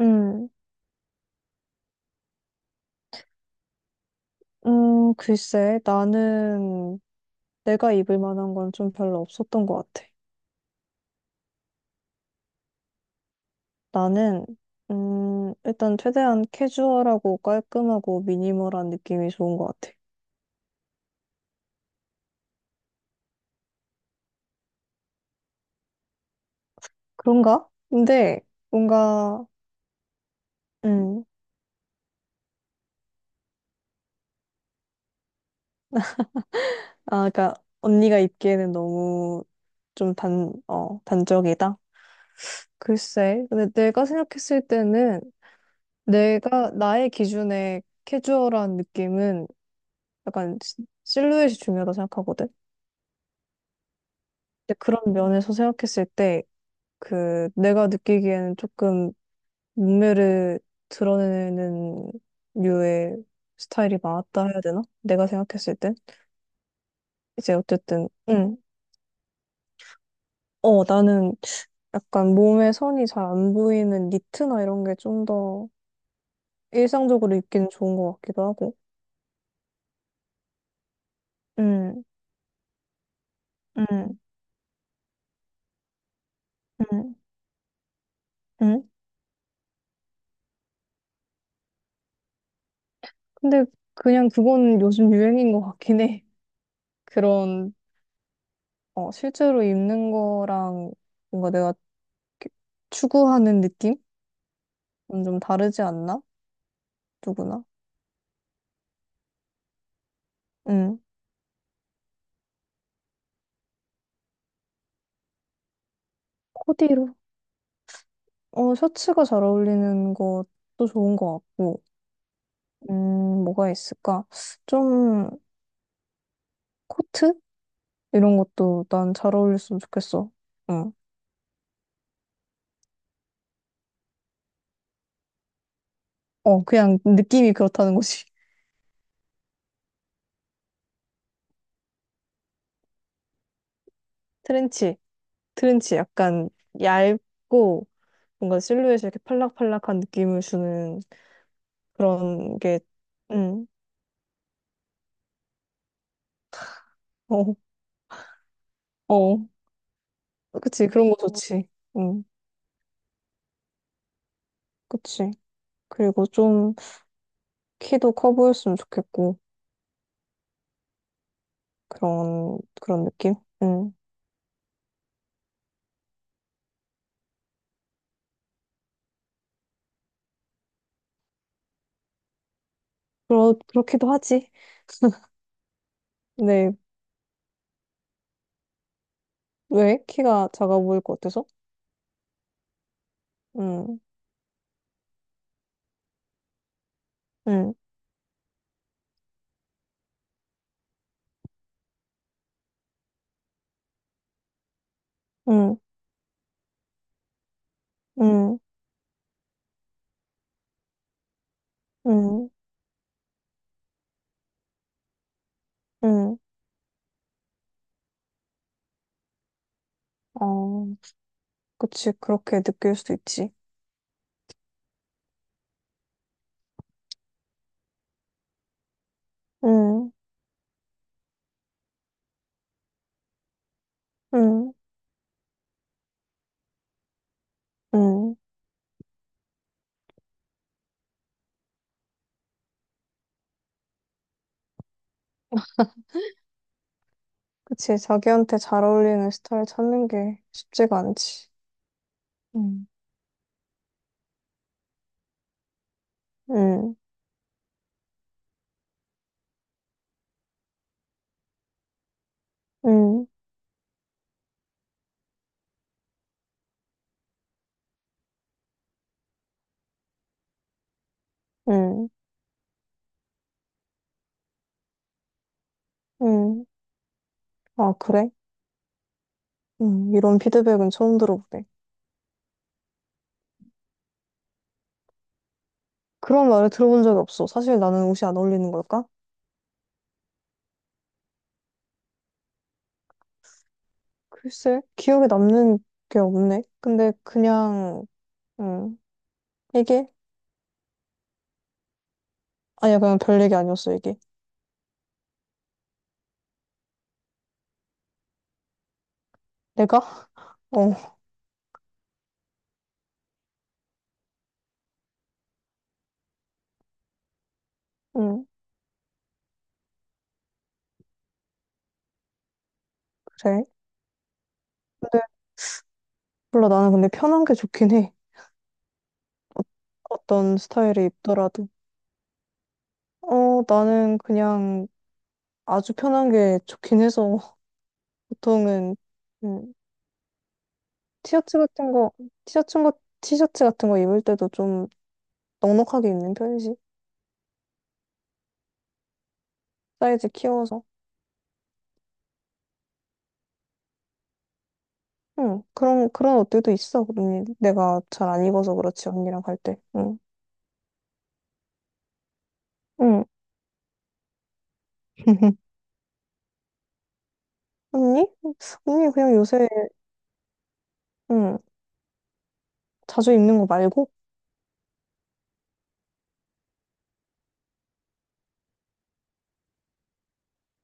음, 글쎄, 나는 내가 입을 만한 건 좀 별로 없었던 것 같아. 나는, 일단 최대한 캐주얼하고 깔끔하고 미니멀한 느낌이 좋은 것 같아. 그런가? 근데 뭔가, 음, 아, 그러니까 언니가 입기에는 너무 좀 단적이다? 글쎄, 근데 내가 생각했을 때는 내가, 나의 기준에 캐주얼한 느낌은 약간 실루엣이 중요하다 생각하거든. 근데 그런 면에서 생각했을 때, 그, 내가 느끼기에는 조금 몸매를 드러내는 류의 스타일이 맞다 해야 되나? 내가 생각했을 땐? 이제 어쨌든, 응. 어, 나는 약간 몸에 선이 잘 안 보이는 니트나 이런 게 좀 더 일상적으로 입기는 좋은 것 같기도 하고. 응, 응, 응, 응. 근데 그냥 그건 요즘 유행인 것 같긴 해. 그런, 실제로 입는 거랑 뭔가 내가 이렇게 추구하는 느낌? 좀 다르지 않나? 누구나. 음. 코디로. 어, 셔츠가 잘 어울리는 것도 좋은 것 같고. 뭐가 있을까? 좀, 코트? 이런 것도 난 잘 어울렸으면 좋겠어. 응. 어, 그냥 느낌이 그렇다는 거지. 트렌치. 트렌치 약간 얇고 뭔가 실루엣이 이렇게 팔락팔락한 느낌을 주는 그런 게, 응. 어, 어. 그치. 그런 거 좋지. 응. 그치. 그리고 좀 키도 커 보였으면 좋겠고 그런 느낌? 응. 그렇기도 하지. 네. 왜? 키가 작아 보일 것 같아서? 응. 응. 응. 응. 응. 응. 어. 그치. 그렇게 느낄 수도 있지. 응. 응. 응. 그치. 자기한테 잘 어울리는 스타일 찾는 게 쉽지가 않지. 응. 응. 응. 응. 응. 아, 그래? 응. 이런 피드백은 처음 들어보네. 그런 말을 들어본 적이 없어. 사실 나는 옷이 안 어울리는 걸까? 글쎄, 기억에 남는 게 없네. 근데 그냥, 음, 이게? 아니야, 그냥 별 얘기 아니었어, 이게. 내가? 어, 음, 그래. 근데 몰라, 나는 근데 편한 게 좋긴 해. 어떤 스타일을 입더라도. 어, 나는 그냥 아주 편한 게 좋긴 해서 보통은, 음, 티셔츠 같은 거, 티셔츠, 티셔츠 같은 거 입을 때도 좀 넉넉하게 입는 편이지. 사이즈 키워서. 응, 그런 옷들도 있어. 언니, 내가 잘 안 입어서 그렇지, 언니랑 갈 때. 응, 응. 언니? 언니 그냥 요새, 응, 자주 입는 거 말고?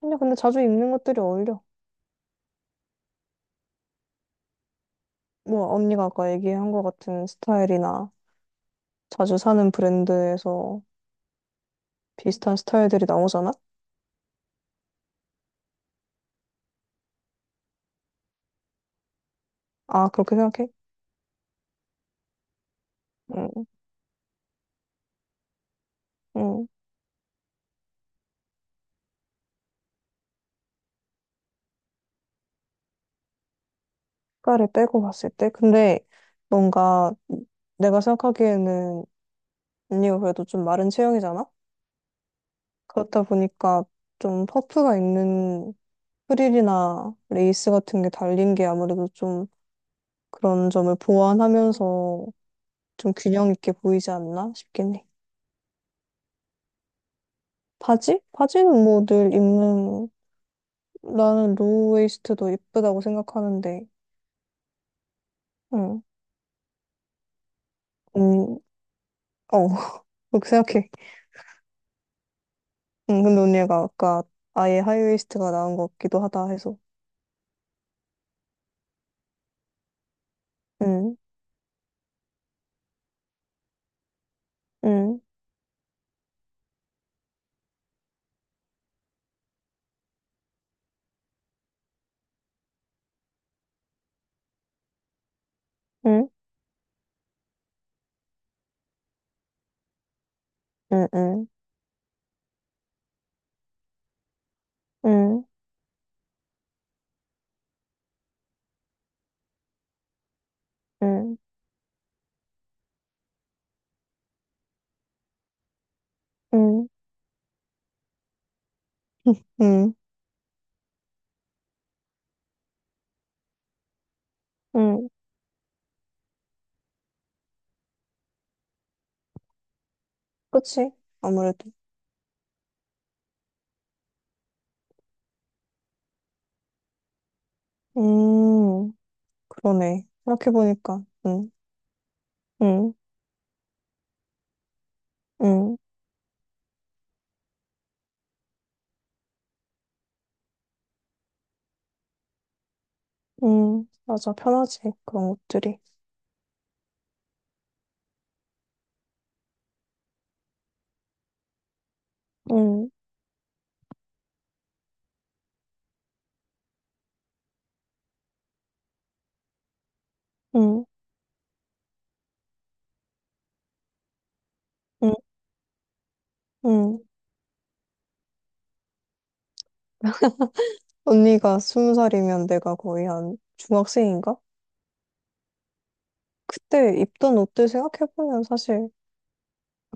언니 근데 자주 입는 것들이 어울려. 뭐, 언니가 아까 얘기한 것 같은 스타일이나 자주 사는 브랜드에서 비슷한 스타일들이 나오잖아? 아, 그렇게 생각해? 응, 응. 색깔을 빼고 봤을 때? 근데 뭔가 내가 생각하기에는 언니가 그래도 좀 마른 체형이잖아? 그렇다 보니까 좀 퍼프가 있는 프릴이나 레이스 같은 게 달린 게 아무래도 좀 그런 점을 보완하면서 좀 균형 있게 보이지 않나 싶긴 해. 바지? 바지는 뭐 늘 입는 나는 로우웨이스트도 예쁘다고 생각하는데, 응, 음, 어, 그렇게 생각해. 응, 근데 언니가 아까 아예 하이웨이스트가 나은 것 같기도 하다 해서, 응, 응, 응, 응, 응, 응, 응, 응, 응, 응, 응, 그치? 아무래도. 음. 그러네. 생각해보니까. 응, 응, 응, 응. 맞아. 편하지. 그런 것들이. 응, 응, 응, 응. 언니가 스무 살이면 내가 거의 한 중학생인가? 그때 입던 옷들 생각해보면 사실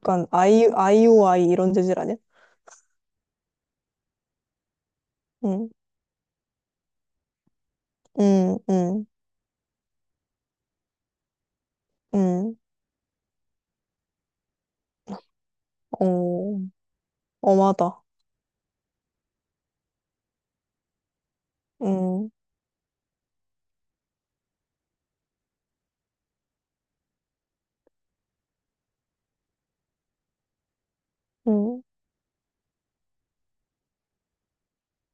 약간 아이오아이 이런 재질 아니야? 응, 응, 응, 응. 어, 엄하다. 응, 응.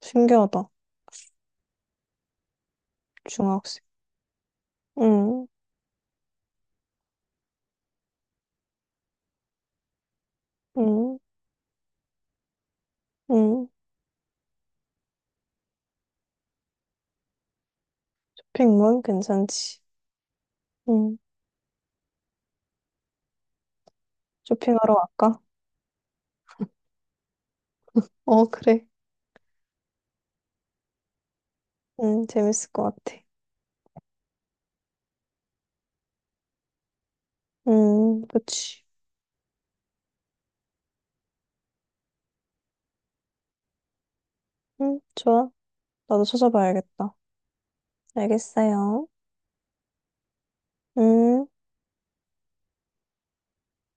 신기하다. 중학생. 응, 응, 응. 쇼핑몰 괜찮지. 응. 쇼핑하러 갈까? 어, 그래. 재밌을 것 같아. 그치. 좋아. 나도 찾아봐야겠다. 알겠어요. 음.